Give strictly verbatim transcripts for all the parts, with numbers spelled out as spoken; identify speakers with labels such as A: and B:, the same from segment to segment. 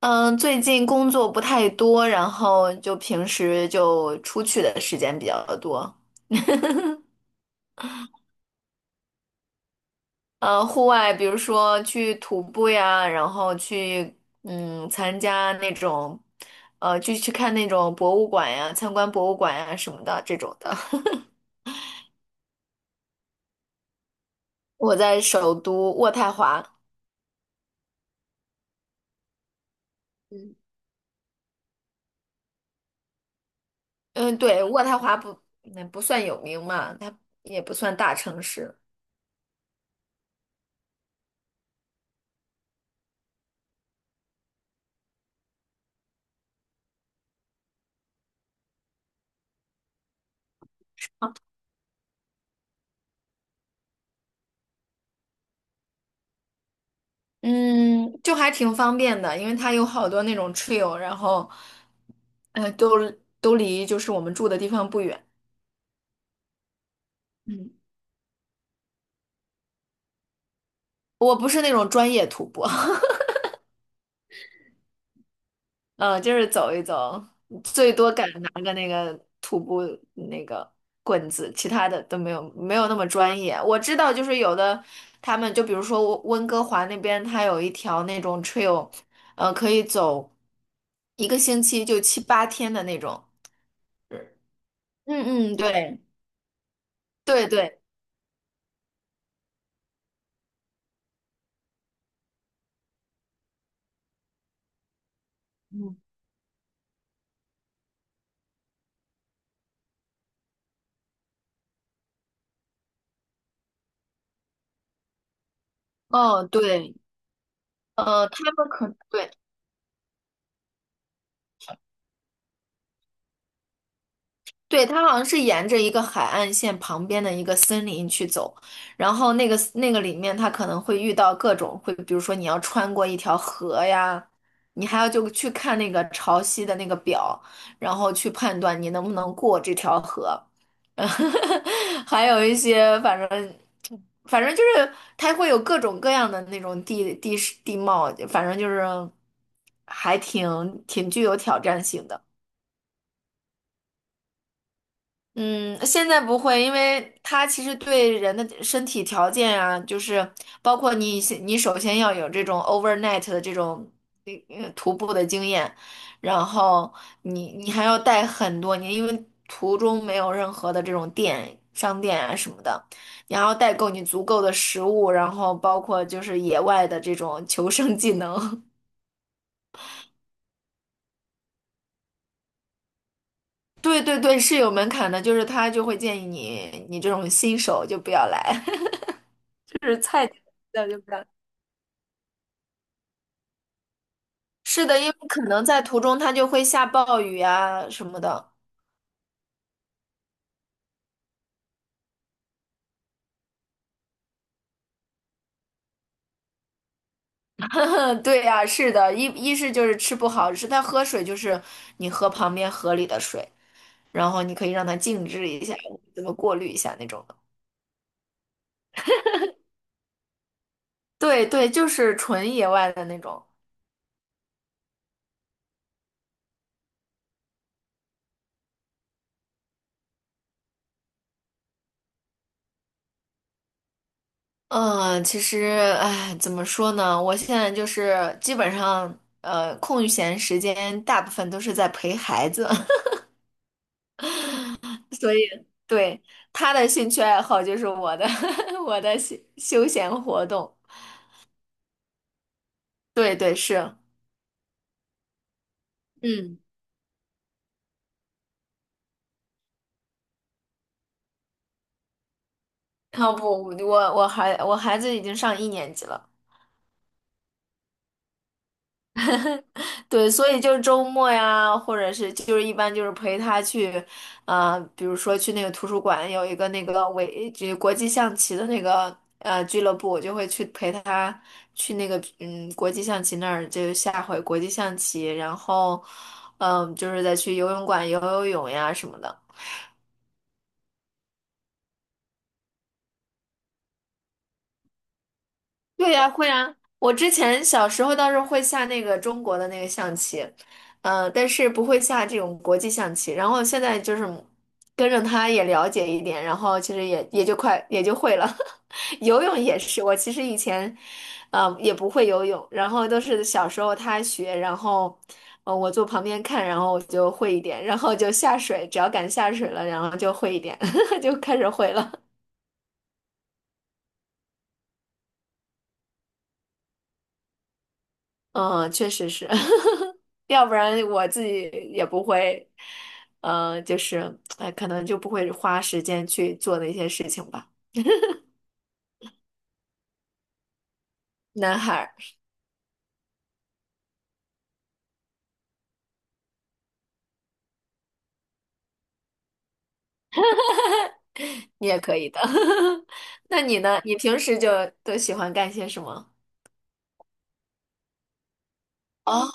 A: 嗯，最近工作不太多，然后就平时就出去的时间比较多。呃，户外，比如说去徒步呀，然后去嗯参加那种，呃，就去看那种博物馆呀，参观博物馆呀什么的这种的。我在首都渥太华，嗯嗯，对，渥太华不那不算有名嘛，它也不算大城市。嗯，就还挺方便的，因为它有好多那种 trail，然后，呃，都都离就是我们住的地方不远。嗯，我不是那种专业徒步，嗯，就是走一走，最多敢拿个那个徒步那个棍子，其他的都没有没有那么专业。我知道，就是有的他们就比如说温温哥华那边，它有一条那种 trail，呃，可以走一个星期就七八天的那种。嗯嗯，对。对对，嗯，哦，对，呃，他们可对，对，它好像是沿着一个海岸线旁边的一个森林去走，然后那个那个里面，它可能会遇到各种会，比如说你要穿过一条河呀，你还要就去看那个潮汐的那个表，然后去判断你能不能过这条河，还有一些反正反正就是它会有各种各样的那种地地势地貌，反正就是还挺挺具有挑战性的。嗯，现在不会，因为它其实对人的身体条件啊，就是包括你先你首先要有这种 overnight 的这种呃徒步的经验，然后你你还要带很多年，因为途中没有任何的这种店、商店啊什么的，你还要带够你足够的食物，然后包括就是野外的这种求生技能。对对对，是有门槛的，就是他就会建议你，你这种新手就不要来。就是菜的，对吧？是的，因为可能在途中它就会下暴雨啊什么的。对呀，是的，一一是就是吃不好，是它喝水就是你喝旁边河里的水，然后你可以让它静置一下，怎么过滤一下那种的。对对，就是纯野外的那种。嗯，其实，哎，怎么说呢？我现在就是基本上，呃，空闲时间大部分都是在陪孩子。所以，对，他的兴趣爱好就是我的 我的休休闲活动。对对是，嗯，然后不，我我孩我孩子已经上一年级了。对，所以就是周末呀，或者是就是一般就是陪他去，呃，比如说去那个图书馆有一个那个围这国际象棋的那个呃俱乐部，我就会去陪他去那个嗯国际象棋那儿，就是下会国际象棋，然后嗯就是再去游泳馆游游泳呀什么的。对呀，会啊。我之前小时候倒是会下那个中国的那个象棋，呃，但是不会下这种国际象棋。然后现在就是跟着他也了解一点，然后其实也也就快也就会了。游泳也是，我其实以前，呃，也不会游泳，然后都是小时候他学，然后，呃，我坐旁边看，然后我就会一点，然后就下水，只要敢下水了，然后就会一点，就开始会了。嗯，确实是，要不然我自己也不会，呃，就是，哎，可能就不会花时间去做那些事情吧。男孩儿，你也可以的。那你呢？你平时就都喜欢干些什么？哦，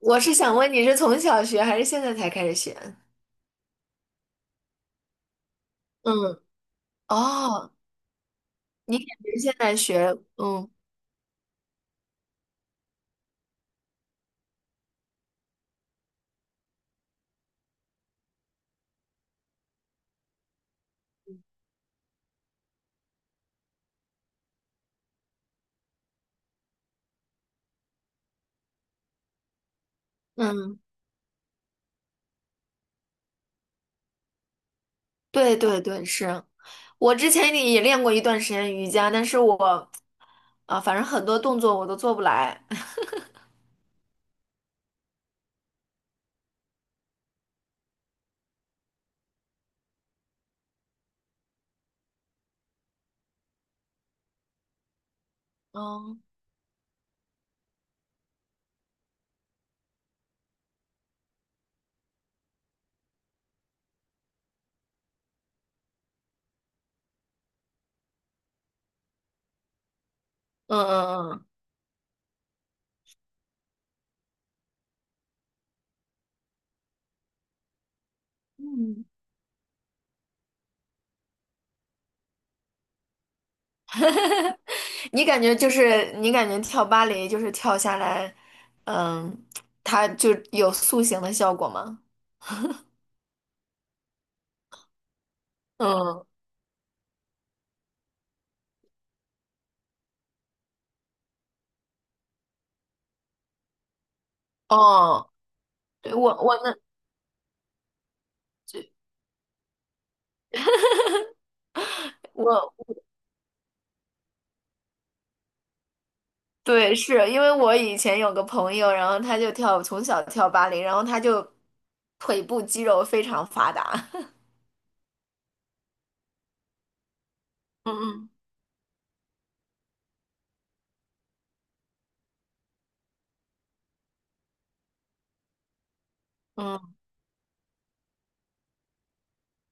A: 我是想问你是从小学还是现在才开始学？嗯，哦，你感觉现在学，嗯嗯。对对对，是我之前也练过一段时间瑜伽，但是我啊，反正很多动作我都做不来。嗯嗯嗯嗯，你感觉就是你感觉跳芭蕾就是跳下来，嗯，它就有塑形的效果吗？嗯，哦，对我我那就我对，是因为我以前有个朋友，然后他就跳从小跳芭蕾，然后他就腿部肌肉非常发达。嗯嗯嗯。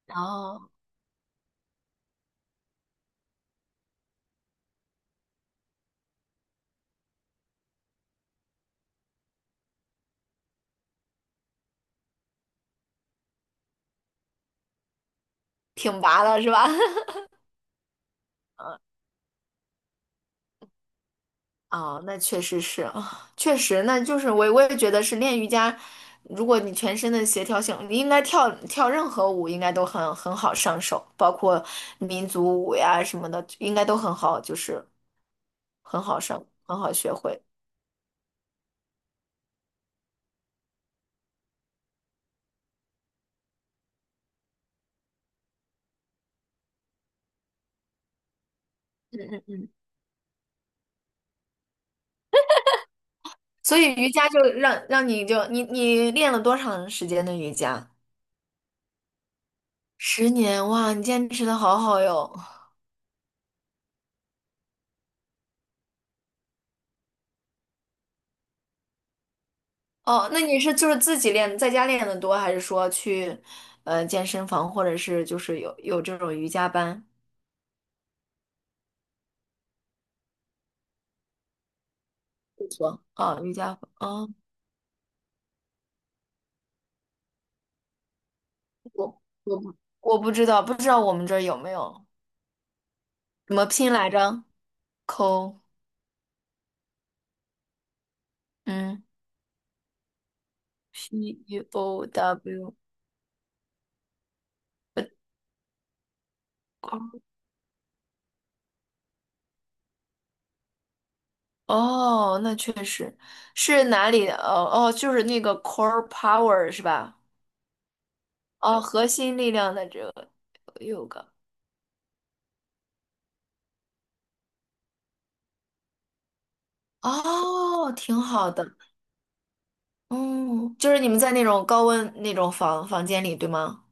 A: 然后挺拔了是吧？哦，那确实是啊，确实，那就是我我也觉得是练瑜伽，如果你全身的协调性，你应该跳跳任何舞应该都很很好上手，包括民族舞呀什么的，应该都很好，就是很好上，很好学会。嗯嗯嗯。所以瑜伽就让让你就你你练了多长时间的瑜伽？十年，哇，你坚持的好好哟。哦，那你是就是自己练，在家练的多，还是说去呃健身房，或者是就是有有这种瑜伽班？不错，啊，瑜伽，啊，我我不我不知道，不知道我们这儿有没有怎么拼来着？Co，嗯，P U O W，呃哦，那确实是哪里的？哦哦，就是那个 Core Power 是吧？哦，核心力量的这个有个哦，挺好的。哦，就是你们在那种高温那种房房间里，对吗？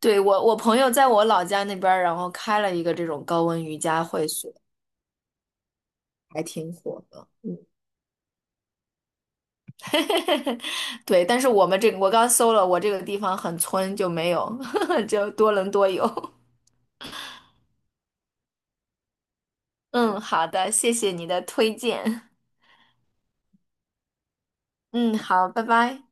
A: 对，我我朋友在我老家那边儿，然后开了一个这种高温瑜伽会所，还挺火的。嗯，对，但是我们这个我刚搜了，我这个地方很村，就没有，就多伦多有。嗯，好的，谢谢你的推荐。嗯，好，拜拜。